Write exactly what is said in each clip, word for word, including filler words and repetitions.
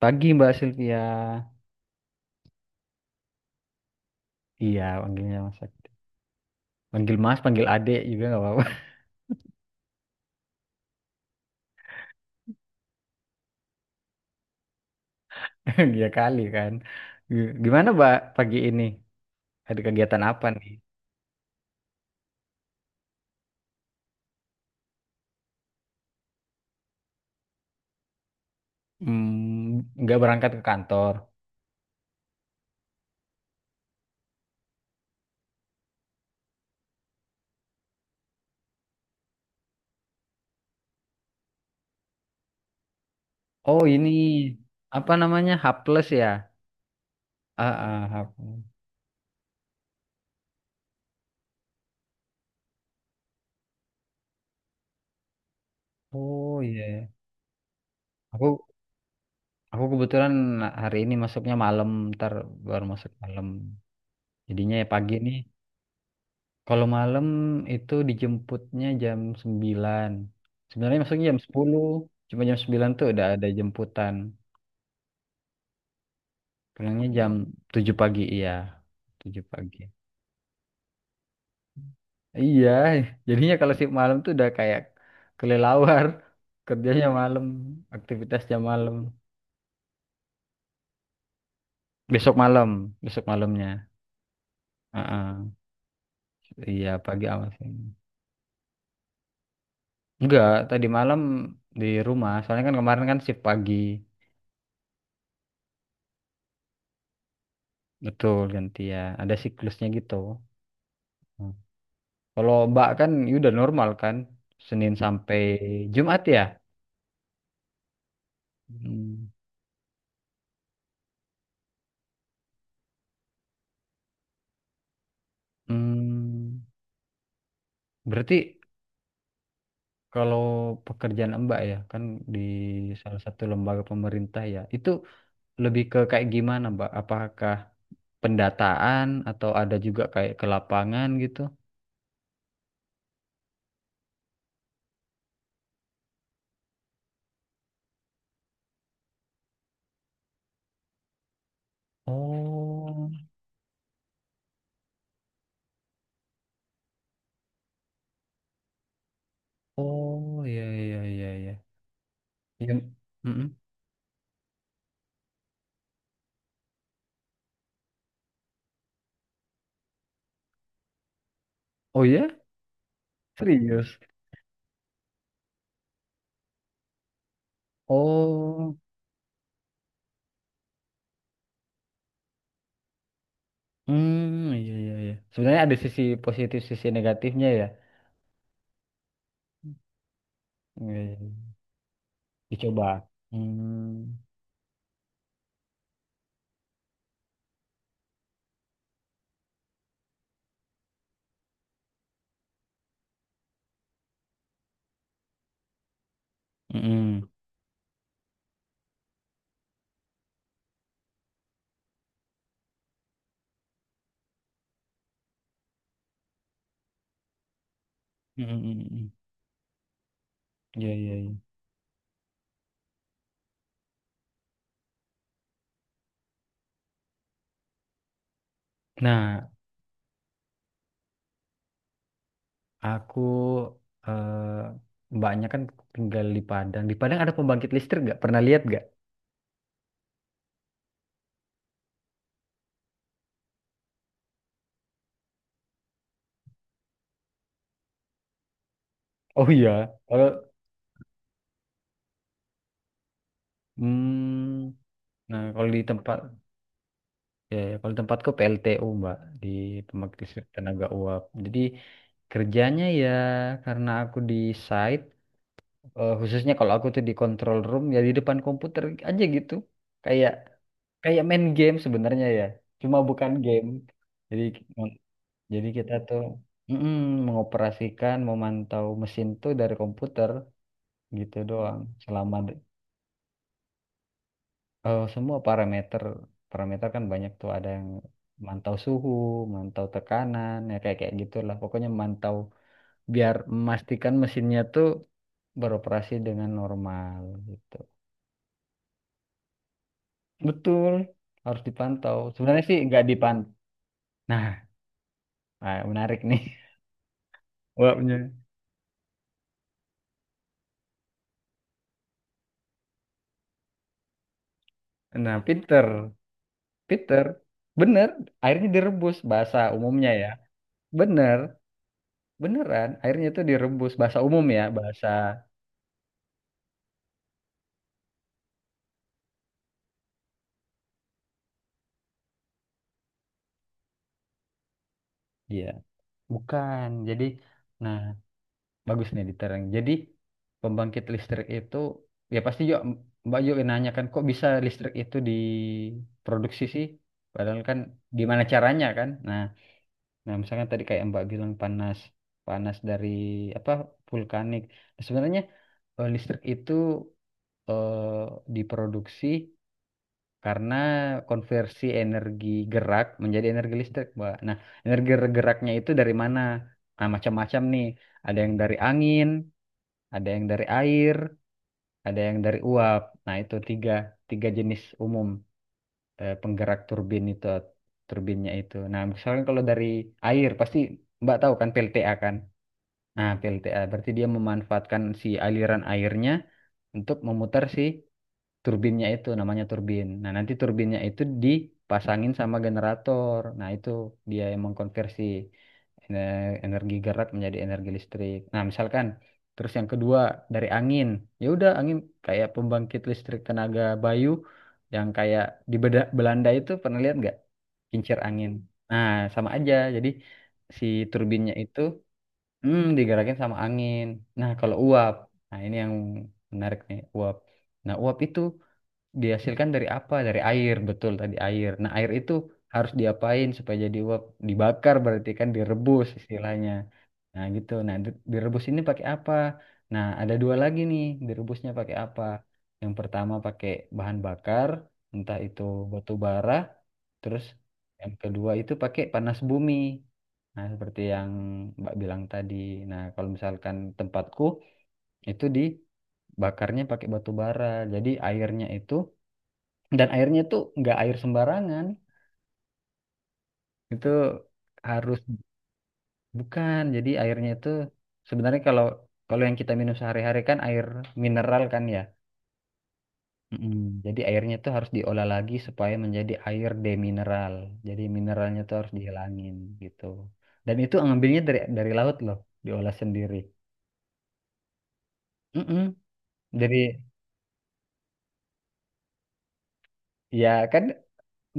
Pagi Mbak Cynthia. Iya, panggilnya Mas. Ag- Panggil Mas, panggil Adek juga nggak apa-apa. Dia kali kan. G- Gimana Mbak pagi ini? Ada kegiatan apa nih? Hmm, nggak berangkat ke kantor. Oh ini apa namanya? H plus ya? Ah, ah, H plus. Oh iya, iya. Aku aku kebetulan hari ini masuknya malam, ntar baru masuk malam. Jadinya ya pagi ini. Kalau malam itu dijemputnya jam sembilan. Sebenarnya maksudnya jam sepuluh, cuma jam sembilan tuh udah ada jemputan. Pulangnya jam tujuh pagi, iya. Tujuh pagi. Iya, jadinya kalau shift malam tuh udah kayak kelelawar. Kerjanya malam, aktivitasnya malam. Besok malam, besok malamnya. Heeh. Iya, pagi awas ini. Enggak, tadi malam di rumah. Soalnya kan kemarin kan shift pagi. Betul, gantian. Ada siklusnya gitu. Hmm. Kalau Mbak kan ya udah normal kan, Senin sampai Jumat ya. Hmm. Hmm, berarti kalau pekerjaan Mbak ya kan di salah satu lembaga pemerintah ya, itu lebih ke kayak gimana Mbak? Apakah pendataan atau ada juga kayak ke lapangan gitu? Oh, oh ya ya ya ya. Yang, mm-mm. Oh ya? Serius? Oh, hmm, iya iya iya. Sebenarnya ada sisi positif, sisi negatifnya ya. Iya, iya, iya. Dicoba. Hmm. Mm-mm. Mm-mm, mm-mm. Iya, iya, iya. Nah, aku eh, mbaknya kan tinggal di Padang. Di Padang ada pembangkit listrik nggak? Pernah lihat nggak? Oh iya. Kalau hmm, nah kalau di tempat ya, ya, kalau di tempatku P L T U Mbak, di pembangkit listrik tenaga uap. Jadi kerjanya ya karena aku di site, eh, khususnya kalau aku tuh di control room ya di depan komputer aja gitu. Kayak kayak main game sebenarnya ya, cuma bukan game jadi jadi kita tuh mm, mengoperasikan memantau mesin tuh dari komputer gitu doang selama d- eh, semua parameter, parameter kan banyak tuh, ada yang mantau suhu, mantau tekanan, ya kayak kayak gitulah pokoknya mantau biar memastikan mesinnya tuh beroperasi dengan normal gitu. Betul, harus dipantau, sebenarnya sih nggak dipantau. Nah, ah, menarik nih, wapnya. Nah, Peter, Peter, bener, airnya direbus bahasa umumnya ya. Bener, beneran, airnya itu direbus bahasa umum ya, bahasa iya, bukan. Jadi, nah, bagus nih diterang. Jadi, pembangkit listrik itu ya pasti yuk Mbak yuk nanya kan kok bisa listrik itu diproduksi sih? Padahal kan gimana caranya kan? Nah, nah misalkan tadi kayak Mbak bilang panas, panas dari apa vulkanik. Nah, sebenarnya eh, listrik itu eh, diproduksi karena konversi energi gerak menjadi energi listrik, Mbak. Nah, energi geraknya itu dari mana? Nah, macam-macam nih. Ada yang dari angin, ada yang dari air, ada yang dari uap. Nah, itu tiga, tiga jenis umum eh, penggerak turbin itu, turbinnya itu. Nah, misalkan kalau dari air, pasti Mbak tahu kan P L T A kan? Nah, P L T A berarti dia memanfaatkan si aliran airnya untuk memutar si turbinnya itu, namanya turbin. Nah, nanti turbinnya itu dipasangin sama generator. Nah, itu dia yang mengkonversi ener- energi gerak menjadi energi listrik. Nah, misalkan terus yang kedua dari angin. Ya udah angin kayak pembangkit listrik tenaga bayu yang kayak di Beda- Belanda itu pernah lihat nggak? Kincir angin. Nah, sama aja. Jadi si turbinnya itu hmm, digerakin sama angin. Nah, kalau uap. Nah, ini yang menarik nih, uap. Nah, uap itu dihasilkan dari apa? Dari air, betul tadi air. Nah, air itu harus diapain supaya jadi uap? Dibakar, berarti kan direbus istilahnya. Nah, gitu. Nah, di- direbus ini pakai apa? Nah, ada dua lagi nih, direbusnya pakai apa? Yang pertama pakai bahan bakar, entah itu batu bara, terus yang kedua itu pakai panas bumi. Nah, seperti yang Mbak bilang tadi. Nah, kalau misalkan tempatku itu dibakarnya pakai batu bara. Jadi airnya itu, dan airnya tuh nggak air sembarangan, itu harus bukan, jadi airnya itu sebenarnya kalau kalau yang kita minum sehari-hari kan air mineral kan ya. Mm-mm. Jadi airnya tuh harus diolah lagi supaya menjadi air demineral, jadi mineralnya tuh harus dihilangin gitu, dan itu ngambilnya dari dari laut loh, diolah sendiri. Mm-mm. Jadi ya kan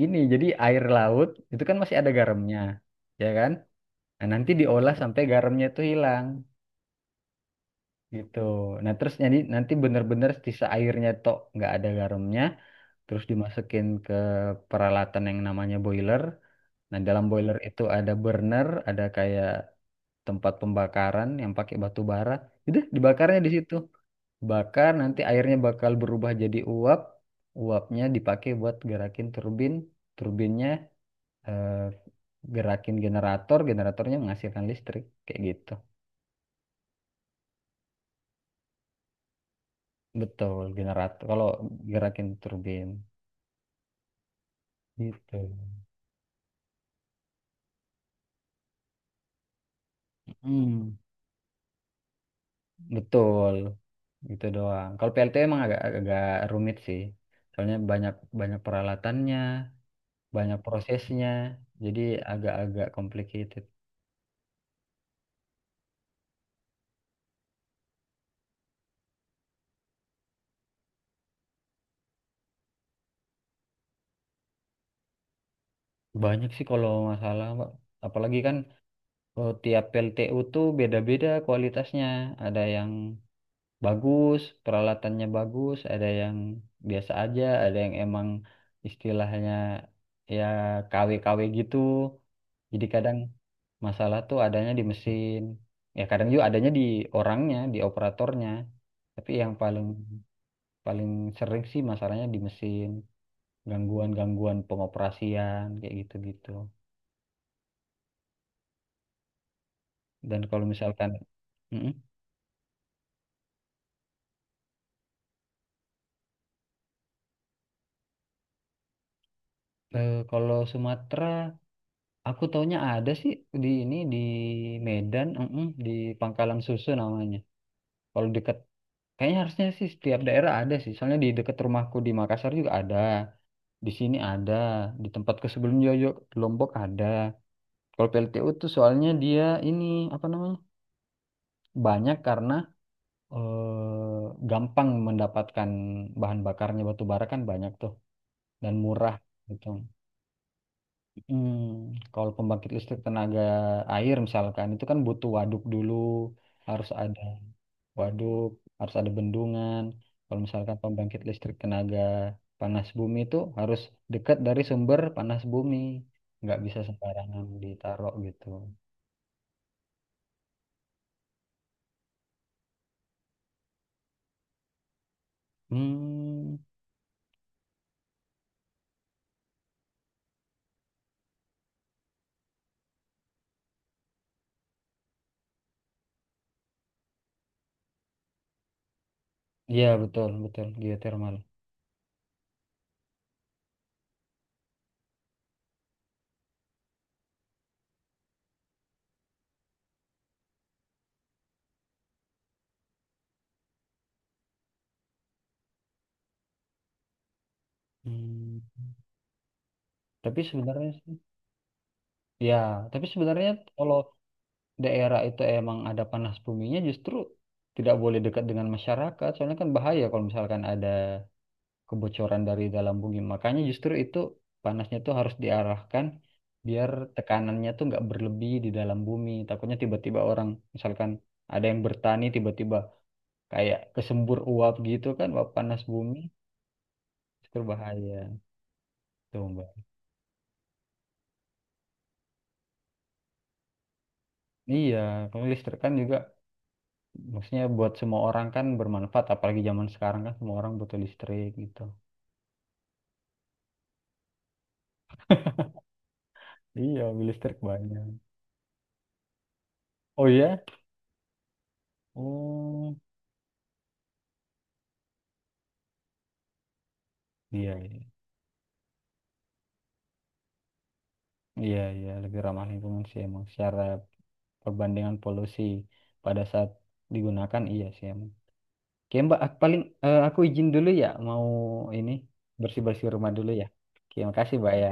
gini, jadi air laut itu kan masih ada garamnya ya kan. Nah, nanti diolah sampai garamnya itu hilang gitu. Nah terus jadi nanti bener-bener sisa airnya tok nggak ada garamnya, terus dimasukin ke peralatan yang namanya boiler. Nah dalam boiler itu ada burner, ada kayak tempat pembakaran yang pakai batu bara. Udah dibakarnya di situ. Bakar nanti airnya bakal berubah jadi uap. Uapnya dipakai buat gerakin turbin, turbinnya eh, gerakin generator, generatornya menghasilkan listrik kayak gitu. Betul, generator. Kalau gerakin turbin. Gitu. Hmm, betul. Gitu doang. Kalau P L T emang agak agak rumit sih. Soalnya banyak banyak peralatannya, banyak prosesnya. Jadi agak-agak complicated. Banyak sih kalau masalah, Mbak. Apalagi kan eh, tiap P L T U tuh beda-beda kualitasnya. Ada yang bagus, peralatannya bagus, ada yang biasa aja, ada yang emang istilahnya ya K W-K W gitu. Jadi kadang masalah tuh adanya di mesin. Ya kadang juga adanya di orangnya, di operatornya. Tapi yang paling paling sering sih masalahnya di mesin, gangguan-gangguan pengoperasian kayak gitu-gitu. Dan kalau misalkan mm-mm. Eh, kalau Sumatera aku taunya ada sih di ini di Medan, mm-mm, di Pangkalan Susu namanya. Kalau deket, kayaknya harusnya sih setiap daerah ada sih. Soalnya di deket rumahku di Makassar juga ada, di sini ada, di tempatku sebelum Yoyo Lombok ada. Kalau P L T U tuh soalnya dia ini apa namanya banyak karena eh, gampang mendapatkan bahan bakarnya batu bara kan banyak tuh dan murah gitu. Hmm, kalau pembangkit listrik tenaga air misalkan itu kan butuh waduk dulu, harus ada waduk, harus ada bendungan. Kalau misalkan pembangkit listrik tenaga panas bumi itu harus dekat dari sumber panas bumi, nggak bisa sembarangan ditaruh gitu. Hmm, iya betul betul geotermal. Hmm, tapi sebenarnya sih, ya tapi sebenarnya kalau daerah itu emang ada panas buminya justru tidak boleh dekat dengan masyarakat. Soalnya kan bahaya kalau misalkan ada kebocoran dari dalam bumi. Makanya justru itu panasnya tuh harus diarahkan biar tekanannya tuh nggak berlebih di dalam bumi. Takutnya tiba-tiba orang misalkan ada yang bertani tiba-tiba kayak kesembur uap gitu kan, uap panas bumi justru bahaya tuh Mbak. Iya, kalau listrik kan juga maksudnya buat semua orang kan bermanfaat apalagi zaman sekarang kan semua orang butuh listrik gitu. Iya, mobil listrik banyak. Oh iya? Oh, iya, iya. Iya, iya, lebih ramah lingkungan sih emang. Secara perbandingan polusi pada saat digunakan, iya sih emang. Oke, Mbak, aku paling eh, aku izin dulu ya, mau ini bersih-bersih rumah dulu ya. Oke, makasih, Mbak ya.